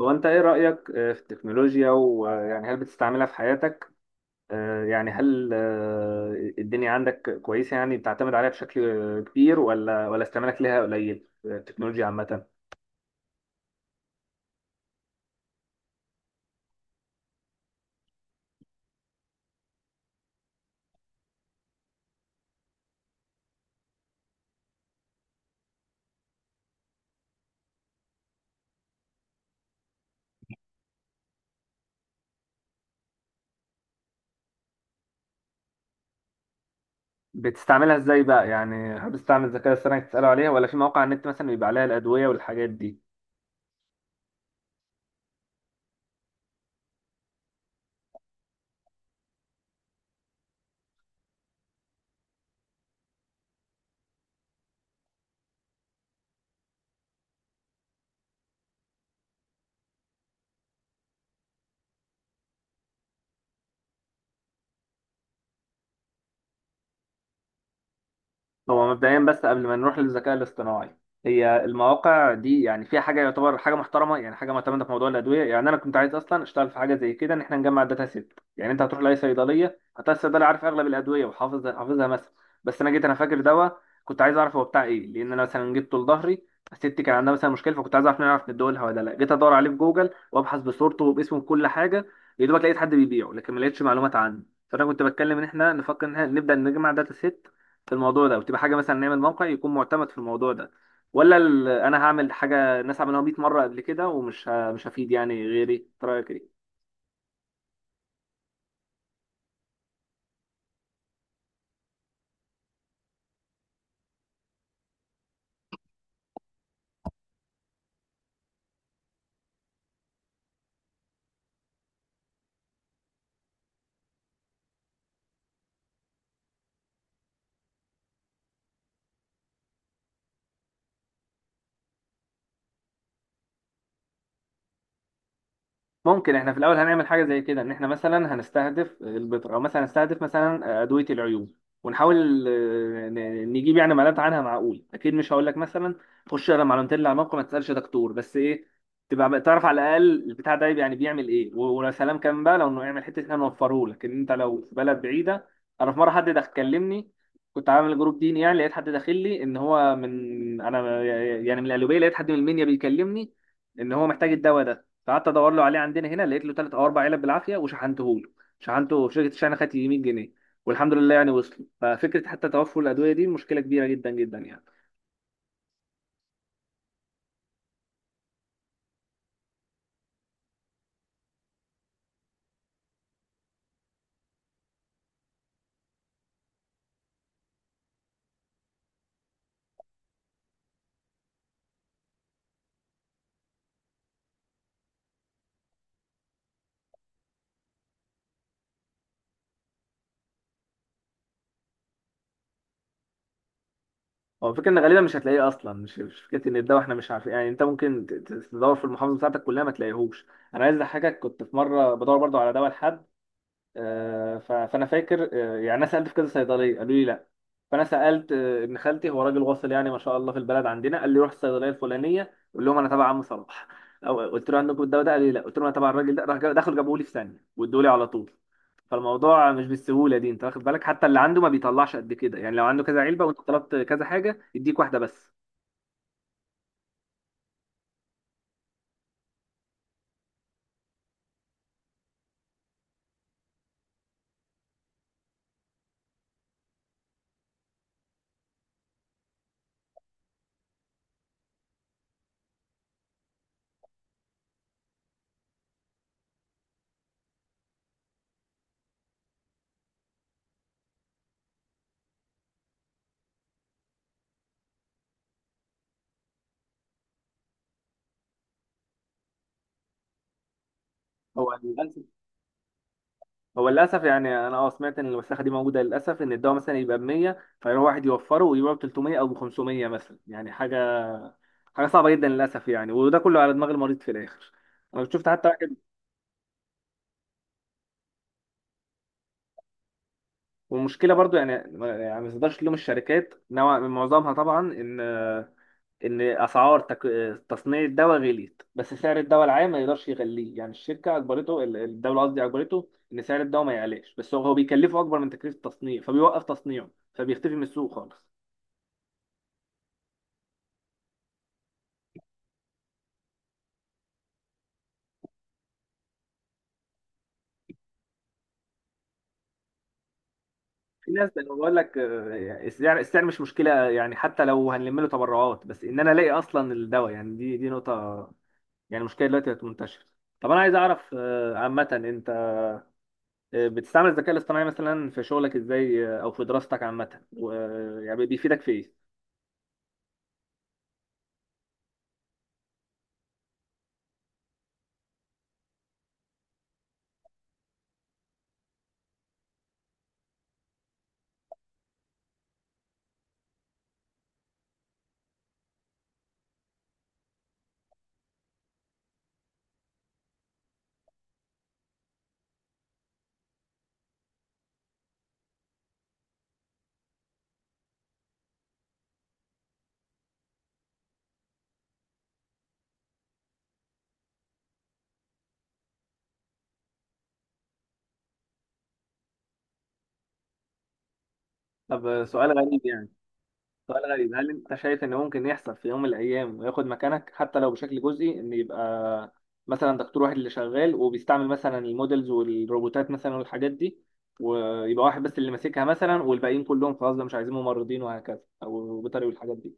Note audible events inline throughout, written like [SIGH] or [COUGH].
هو انت ايه رأيك في التكنولوجيا ويعني هل بتستعملها في حياتك؟ يعني هل الدنيا عندك كويسة؟ يعني بتعتمد عليها بشكل كبير، ولا استعمالك ليها قليل؟ التكنولوجيا عامة بتستعملها ازاي بقى؟ يعني هل بتستعمل الذكاء الاصطناعي تسأله عليها، ولا في مواقع على النت مثلا بيبقى عليها الأدوية والحاجات دي؟ هو مبدئيا، بس قبل ما نروح للذكاء الاصطناعي، هي المواقع دي يعني فيها حاجه يعتبر حاجه محترمه، يعني حاجه معتمده في موضوع الادويه؟ يعني انا كنت عايز اصلا اشتغل في حاجه زي كده، ان احنا نجمع داتا سيت. يعني انت هتروح لاي صيدليه هتلاقي الصيدلي عارف اغلب الادويه وحافظ حافظها مثلا. بس انا جيت انا فاكر دواء كنت عايز اعرف هو بتاع ايه، لان انا مثلا جبته لظهري. ستي كان عندها مثلا مشكله، فكنت عايز اعرف نعرف ندولها ولا لا. جيت ادور عليه في جوجل وابحث بصورته وباسمه بكل حاجه، يا دوبك لقيت حد بيبيعه لكن ما لقيتش معلومات عنه. فانا كنت بتكلم ان احنا نفكر ان احنا نبدا نجمع داتا سيت في الموضوع ده، وتبقى حاجه مثلا نعمل موقع يكون معتمد في الموضوع ده. ولا انا هعمل حاجه الناس عملوها 100 مره قبل كده، ومش مش هفيد يعني غيري؟ إنت رايك إيه؟ ممكن احنا في الاول هنعمل حاجه زي كده، ان احنا مثلا هنستهدف البذر، او مثلا هنستهدف مثلا ادويه العيوب، ونحاول نجيب يعني معلومات عنها معقول. اكيد مش هقول لك مثلا خش اقرا معلومتين اللي على الموقع ما تسالش دكتور، بس ايه؟ تبقى بقى تعرف على الاقل البتاع ده يعني بيعمل ايه، ولو سلام كان بقى لو انه يعمل حته احنا نوفره لك ان انت لو في بلد بعيده. انا في مره حد دخل كلمني، كنت عامل جروب ديني يعني، لقيت حد داخل لي ان هو من انا، يعني من القليوبيه، لقيت حد من المنيا بيكلمني ان هو محتاج الدواء ده. فقعدت ادور له عليه عندنا هنا، لقيت له ثلاث او اربع علب بالعافيه وشحنته له. شحنته في شركه الشحن، خدت 100 جنيه، والحمد لله يعني وصل. ففكره حتى توفر الادويه دي مشكله كبيره جدا جدا يعني. هو الفكره ان غالبا مش هتلاقيه اصلا، مش فكره ان الدواء احنا مش عارفين، يعني انت ممكن تدور في المحافظه بتاعتك كلها ما تلاقيهوش. انا عايز اضحكك، كنت في مره بدور برضو على دواء لحد، فانا فاكر يعني انا سالت في كذا صيدليه قالوا لي لا. فانا سالت ابن خالتي، هو راجل واصل يعني ما شاء الله في البلد عندنا، قال لي روح الصيدليه الفلانيه قول لهم انا تبع عم صلاح [LAUGHS] او قلت له عندكم الدواء ده؟ قال لي لا. قلت له انا تبع الراجل ده، راح دخلوا جابوه لي في ثانيه، وادوا لي على طول. فالموضوع مش بالسهوله دي انت واخد بالك، حتى اللي عنده ما بيطلعش قد كده يعني، لو عنده كذا علبه وانت طلبت كذا حاجه يديك واحده بس. هو يعني، هو للاسف يعني انا سمعت ان المساحه دي موجوده للاسف، ان الدواء مثلا يبقى ب 100 فيروح واحد يوفره ويبيعه ب 300 او ب 500 مثلا، يعني حاجه صعبه جدا للاسف يعني، وده كله على دماغ المريض في الاخر. انا شفت حتى واحد. والمشكله برضو يعني ما تقدرش تلوم الشركات نوع من معظمها طبعا، ان اسعار تصنيع الدواء غليت، بس سعر الدواء العام ما يقدرش يغليه، يعني الشركه اجبرته الدوله قصدي اجبرته ان سعر الدواء ما يعلاش، بس هو بيكلفه اكبر من تكلفه التصنيع، فبيوقف تصنيعه، فبيختفي من السوق خالص. في ناس انا بقول لك، السعر مش مشكله، يعني حتى لو هنلم له تبرعات، بس ان انا الاقي اصلا الدواء، يعني دي نقطه، يعني مشكله دلوقتي بقت منتشره. طب انا عايز اعرف عامه انت بتستعمل الذكاء الاصطناعي مثلا في شغلك ازاي؟ او في دراستك عامه، يعني بيفيدك في ايه؟ طب سؤال غريب، هل انت شايف ان ممكن يحصل في يوم من الايام وياخد مكانك حتى لو بشكل جزئي؟ ان يبقى مثلا دكتور واحد اللي شغال وبيستعمل مثلا المودلز والروبوتات مثلا والحاجات دي، ويبقى واحد بس اللي ماسكها مثلا، والباقيين كلهم خلاص ده مش عايزين ممرضين وهكذا، او بيطري والحاجات دي.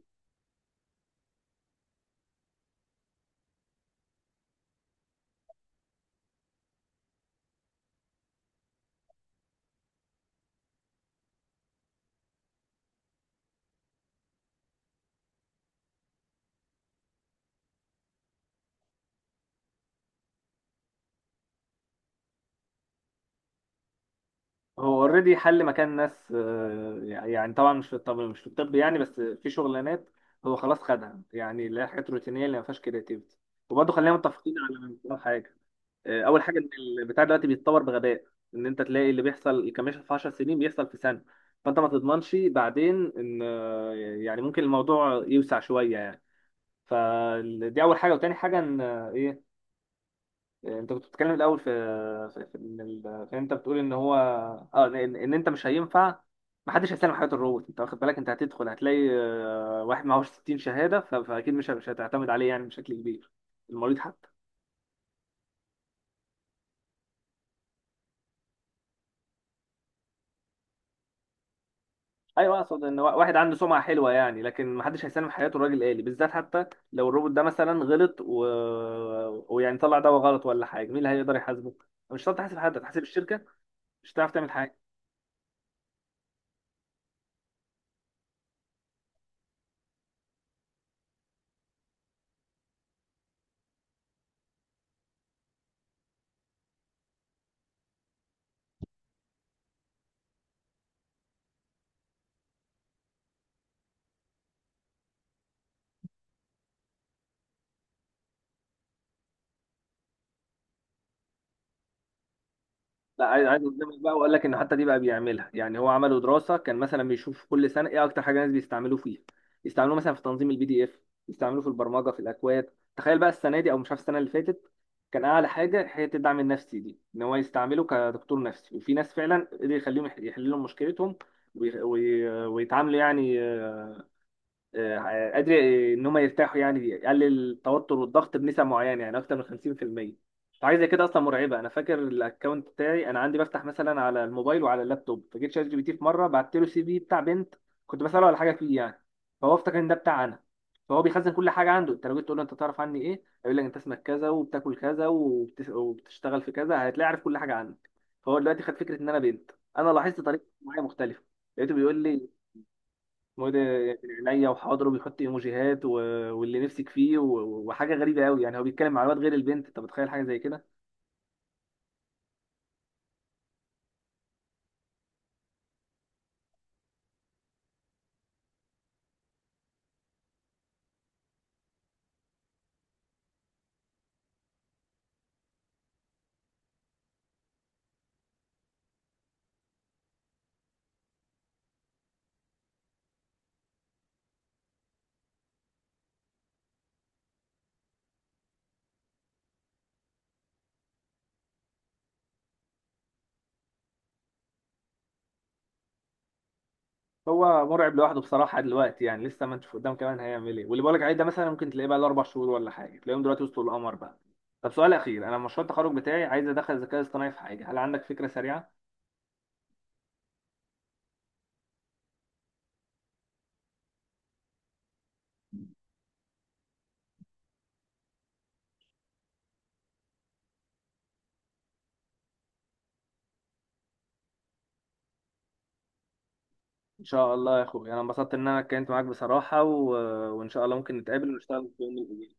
هو اوريدي حل مكان ناس، يعني طبعا مش في الطب، مش في الطب يعني، بس في شغلانات هو خلاص خدها، يعني اللي هي حاجات روتينيه اللي ما فيهاش كرياتيفيتي. وبرضه خلينا متفقين على حاجه. اول حاجه ان البتاع دلوقتي بيتطور بغباء، ان انت تلاقي اللي بيحصل كمثل في 10 سنين بيحصل في سنه، فانت ما تضمنش بعدين ان، يعني ممكن الموضوع يوسع شويه يعني. فدي اول حاجه، وتاني حاجه ان، آه، ايه آه، انت كنت بتتكلم الاول في في ان ال- في إن انت بتقول ان هو اه ان إن انت مش هينفع، ما حدش هيسلم حياه الروبوت، انت واخد بالك انت هتدخل هتلاقي واحد معهوش 60 شهاده، فاكيد مش هتعتمد عليه يعني بشكل كبير. المريض حتى. ايوه، اقصد ان واحد عنده سمعه حلوه يعني، لكن محدش هيسلم حياته الراجل آلي بالذات. حتى لو الروبوت ده مثلا غلط ويعني طلع دواء غلط ولا حاجه، مين اللي هيقدر يحاسبه؟ مش هتعرف تحاسب حد، هتحاسب الشركه، مش هتعرف تعمل حاجه. لا، عايز اصدمك بقى واقول لك ان حتى دي بقى بيعملها. يعني هو عملوا دراسه كان مثلا بيشوف كل سنه ايه اكتر حاجه الناس بيستعملوه فيها، يستعملوه مثلا في تنظيم البي دي اف، يستعملوه في البرمجه في الاكواد. تخيل بقى السنه دي او مش عارف السنه اللي فاتت، كان اعلى حاجه حته الدعم النفسي دي، ان هو يستعمله كدكتور نفسي، وفي ناس فعلا قدر يخليهم يحللوا مشكلتهم ويتعاملوا يعني. قادر ان هم يرتاحوا يعني، يقلل التوتر والضغط بنسب معينه، يعني اكتر من 50%. فحاجه زي كده اصلا مرعبه. انا فاكر الاكونت بتاعي، انا عندي بفتح مثلا على الموبايل وعلى اللابتوب، فجيت شات جي بي تي في مره بعت له سي في بتاع بنت، كنت بساله على حاجه فيه يعني، فهو افتكر ان ده بتاع انا، فهو بيخزن كل حاجه عنده. انت لو جيت تقول له انت تعرف عني ايه، هيقول لك انت اسمك كذا وبتاكل كذا وبتشتغل في كذا، هتلاقي عارف كل حاجه عنك. فهو دلوقتي خد فكره ان انا بنت، انا لاحظت طريقه معايا مختلفه، لقيته بيقول لي مود من عينيا وحاضر وبيحط ايموجيهات واللي نفسك فيه وحاجه غريبه قوي يعني، هو بيتكلم مع الواد غير البنت، انت متخيل حاجه زي كده؟ هو مرعب لوحده بصراحه دلوقتي يعني، لسه ما نشوف قدام كمان هيعمل ايه. واللي بقولك عليه ده مثلا ممكن تلاقيه بقى له اربع شهور ولا حاجه، تلاقيهم دلوقتي وصلوا القمر بقى. طب سؤال اخير، انا مشروع التخرج بتاعي عايز ادخل الذكاء الاصطناعي في حاجه، هل عندك فكره سريعه؟ ان شاء الله يا اخويا، انا انبسطت ان انا اتكلمت معاك بصراحه، وان شاء الله ممكن نتقابل ونشتغل في يوم من الايام.